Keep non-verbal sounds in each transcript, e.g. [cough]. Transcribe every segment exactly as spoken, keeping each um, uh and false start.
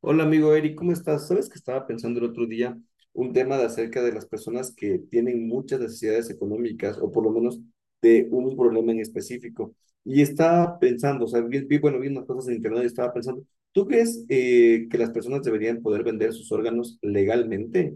Hola amigo Eric, ¿cómo estás? Sabes que estaba pensando el otro día un tema de acerca de las personas que tienen muchas necesidades económicas o por lo menos de un problema en específico. Y estaba pensando, o sea, vi, vi- bueno, vi unas cosas en internet y estaba pensando, ¿tú crees eh, que las personas deberían poder vender sus órganos legalmente?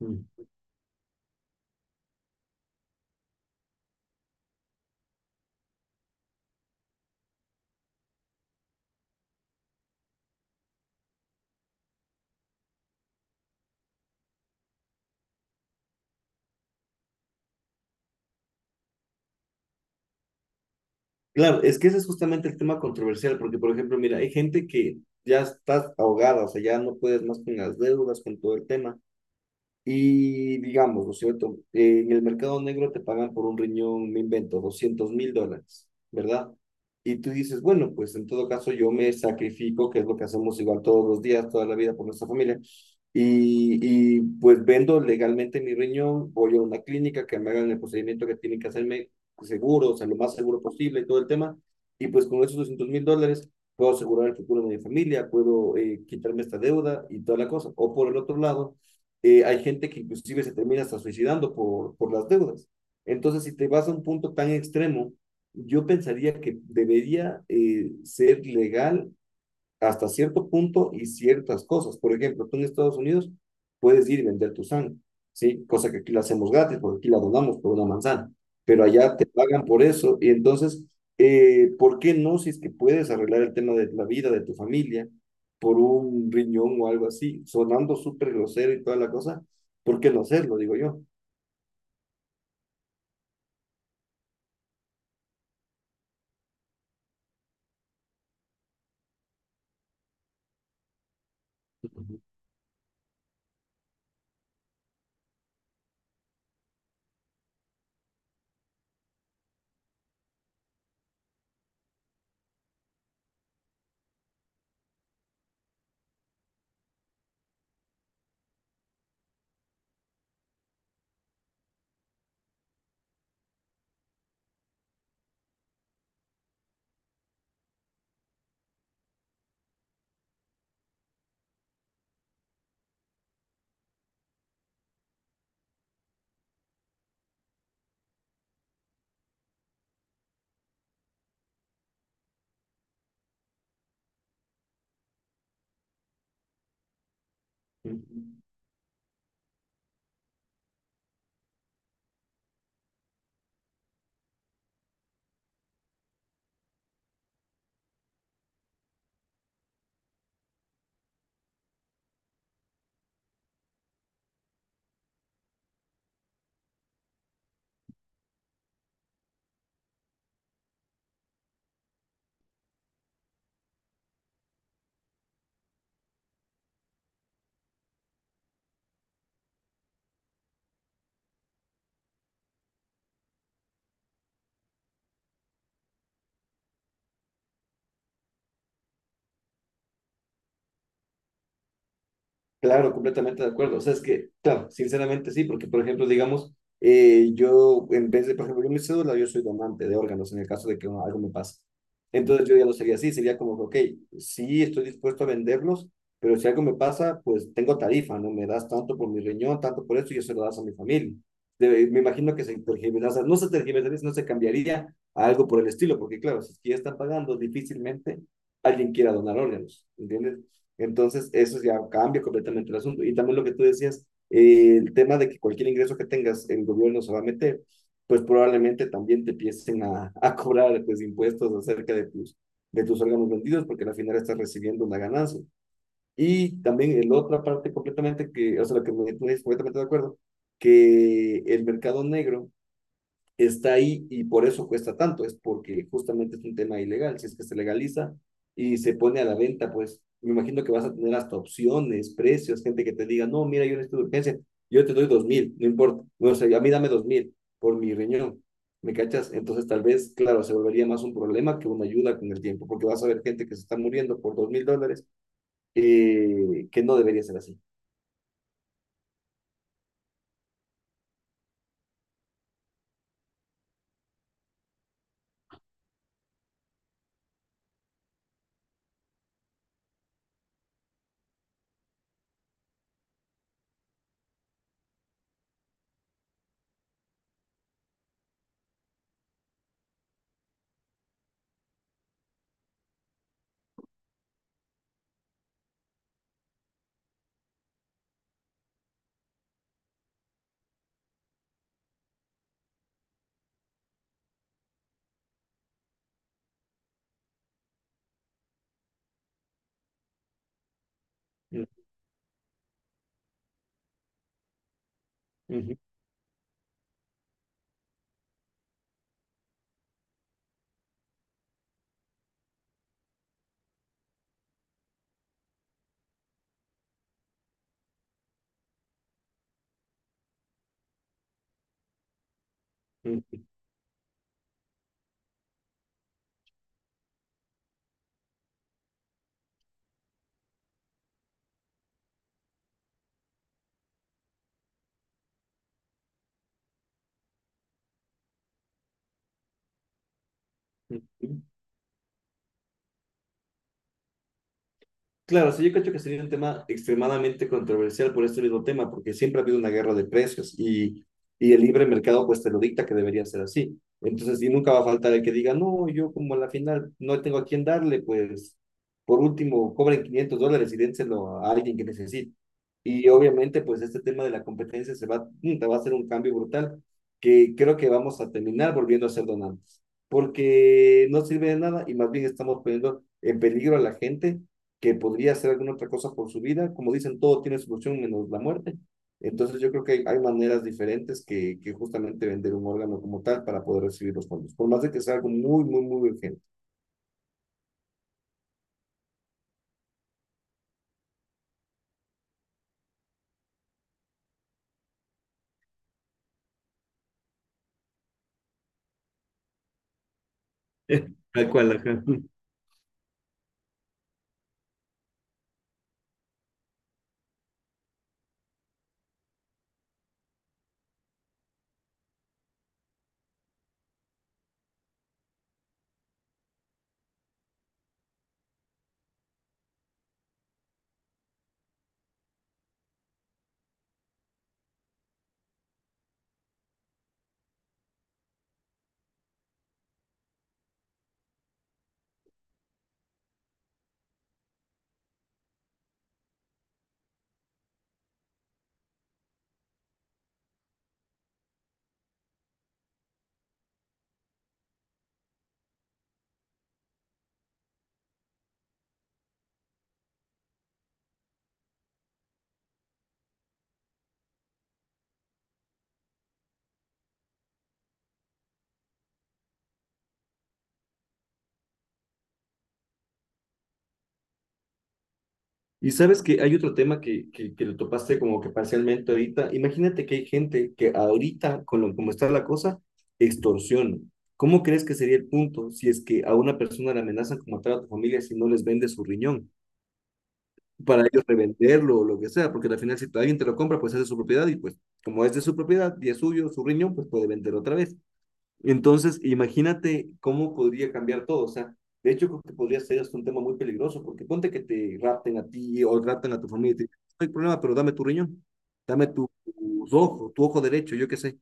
Mm. Claro, es que ese es justamente el tema controversial, porque por ejemplo, mira, hay gente que ya estás ahogada, o sea, ya no puedes más con las deudas, con todo el tema. Y digamos, ¿no es cierto? Eh, En el mercado negro te pagan por un riñón, me invento, doscientos mil dólares, ¿verdad? Y tú dices, bueno, pues en todo caso yo me sacrifico, que es lo que hacemos igual todos los días, toda la vida por nuestra familia. Y, y pues vendo legalmente mi riñón, voy a una clínica que me hagan el procedimiento que tienen que hacerme seguro, o sea, lo más seguro posible y todo el tema. Y pues con esos doscientos mil dólares puedo asegurar el futuro de mi familia, puedo eh, quitarme esta deuda y toda la cosa. O por el otro lado eh, hay gente que inclusive se termina hasta suicidando por, por las deudas. Entonces, si te vas a un punto tan extremo, yo pensaría que debería eh, ser legal hasta cierto punto y ciertas cosas. Por ejemplo, tú en Estados Unidos puedes ir y vender tu sangre, ¿sí? Cosa que aquí la hacemos gratis porque aquí la donamos por una manzana, pero allá te pagan por eso y entonces, eh, ¿por qué no si es que puedes arreglar el tema de la vida de tu familia por un riñón o algo así, sonando súper grosero y toda la cosa? ¿Por qué no hacerlo, digo yo? Uh-huh. Uh-huh. Claro, completamente de acuerdo. O sea, es que, claro, sinceramente sí, porque por ejemplo, digamos, eh, yo en vez de, por ejemplo, yo mi cédula, yo soy donante de órganos en el caso de que algo me pase. Entonces yo ya lo sería así, sería como, ok, sí estoy dispuesto a venderlos, pero si algo me pasa, pues tengo tarifa, ¿no? Me das tanto por mi riñón, tanto por esto, y yo se lo das a mi familia. De- me imagino que se tergiversaría, no se tergiversaría, no se cambiaría a algo por el estilo, porque claro, si es que ya están pagando, difícilmente alguien quiera donar órganos, ¿entiendes? Entonces, eso ya cambia completamente el asunto. Y también lo que tú decías, eh, el tema de que cualquier ingreso que tengas, el gobierno se va a meter, pues probablemente también te empiecen a, a cobrar pues, impuestos acerca de tus, de tus órganos vendidos, porque al final estás recibiendo una ganancia. Y también en la otra parte completamente que, o sea, lo que me, me es completamente de acuerdo, que el mercado negro está ahí y por eso cuesta tanto, es porque justamente es un tema ilegal, si es que se legaliza y se pone a la venta, pues me imagino que vas a tener hasta opciones, precios, gente que te diga, no, mira, yo necesito de urgencia, yo te doy dos mil, no importa, no, o sea, a mí dame dos mil por mi riñón, ¿me cachas? Entonces tal vez, claro, se volvería más un problema que una ayuda con el tiempo, porque vas a ver gente que se está muriendo por dos mil dólares, eh, que no debería ser así. Mm. Mm. Mm. Claro, sí, yo creo que sería un tema extremadamente controversial por este mismo tema, porque siempre ha habido una guerra de precios y, y el libre mercado pues te lo dicta que debería ser así. Entonces, y nunca va a faltar el que diga, no, yo como a la final no tengo a quién darle, pues por último cobren quinientos dólares y dénselo a alguien que necesite. Y obviamente pues este tema de la competencia se va, mm, va a ser un cambio brutal que creo que vamos a terminar volviendo a ser donantes, porque no sirve de nada y más bien estamos poniendo en peligro a la gente que podría hacer alguna otra cosa por su vida. Como dicen, todo tiene solución menos la muerte. Entonces yo creo que hay, hay maneras diferentes que, que justamente vender un órgano como tal para poder recibir los fondos, por más de que sea algo muy, muy, muy urgente. [laughs] Tal cual, ajá. Y sabes que hay otro tema que, que, que lo topaste como que parcialmente ahorita. Imagínate que hay gente que ahorita, con lo, como está la cosa, extorsiona. ¿Cómo crees que sería el punto si es que a una persona le amenazan con matar a tu familia si no les vende su riñón? Para ellos revenderlo o lo que sea, porque al final si alguien te lo compra, pues es de su propiedad y pues como es de su propiedad y es suyo, su riñón, pues puede vender otra vez. Entonces, imagínate cómo podría cambiar todo, o sea, de hecho creo que podría ser hasta un tema muy peligroso, porque ponte que te rapten a ti o rapten a tu familia y te dicen, no hay problema, pero dame tu riñón, dame tu, tu ojo, tu ojo derecho, yo qué sé.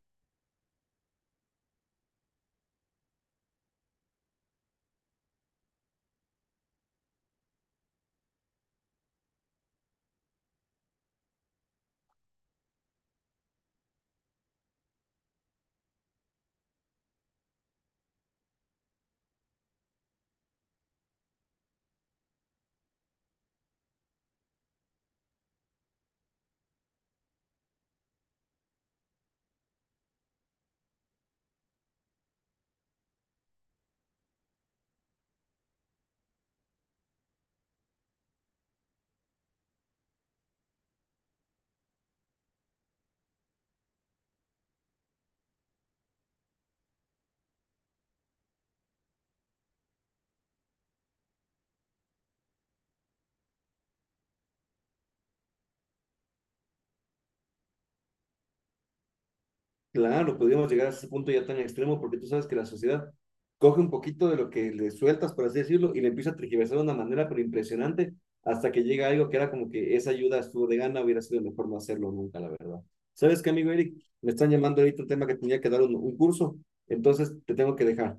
Claro, podríamos llegar a ese punto ya tan extremo porque tú sabes que la sociedad coge un poquito de lo que le sueltas, por así decirlo, y le empieza a tergiversar de una manera pero impresionante hasta que llega algo que era como que esa ayuda estuvo de gana, hubiera sido mejor no hacerlo nunca, la verdad. ¿Sabes qué, amigo Eric? Me están llamando ahorita un tema que tenía que dar un, un, curso, entonces te tengo que dejar.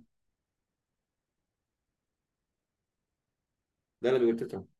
Dale, amigo, chao.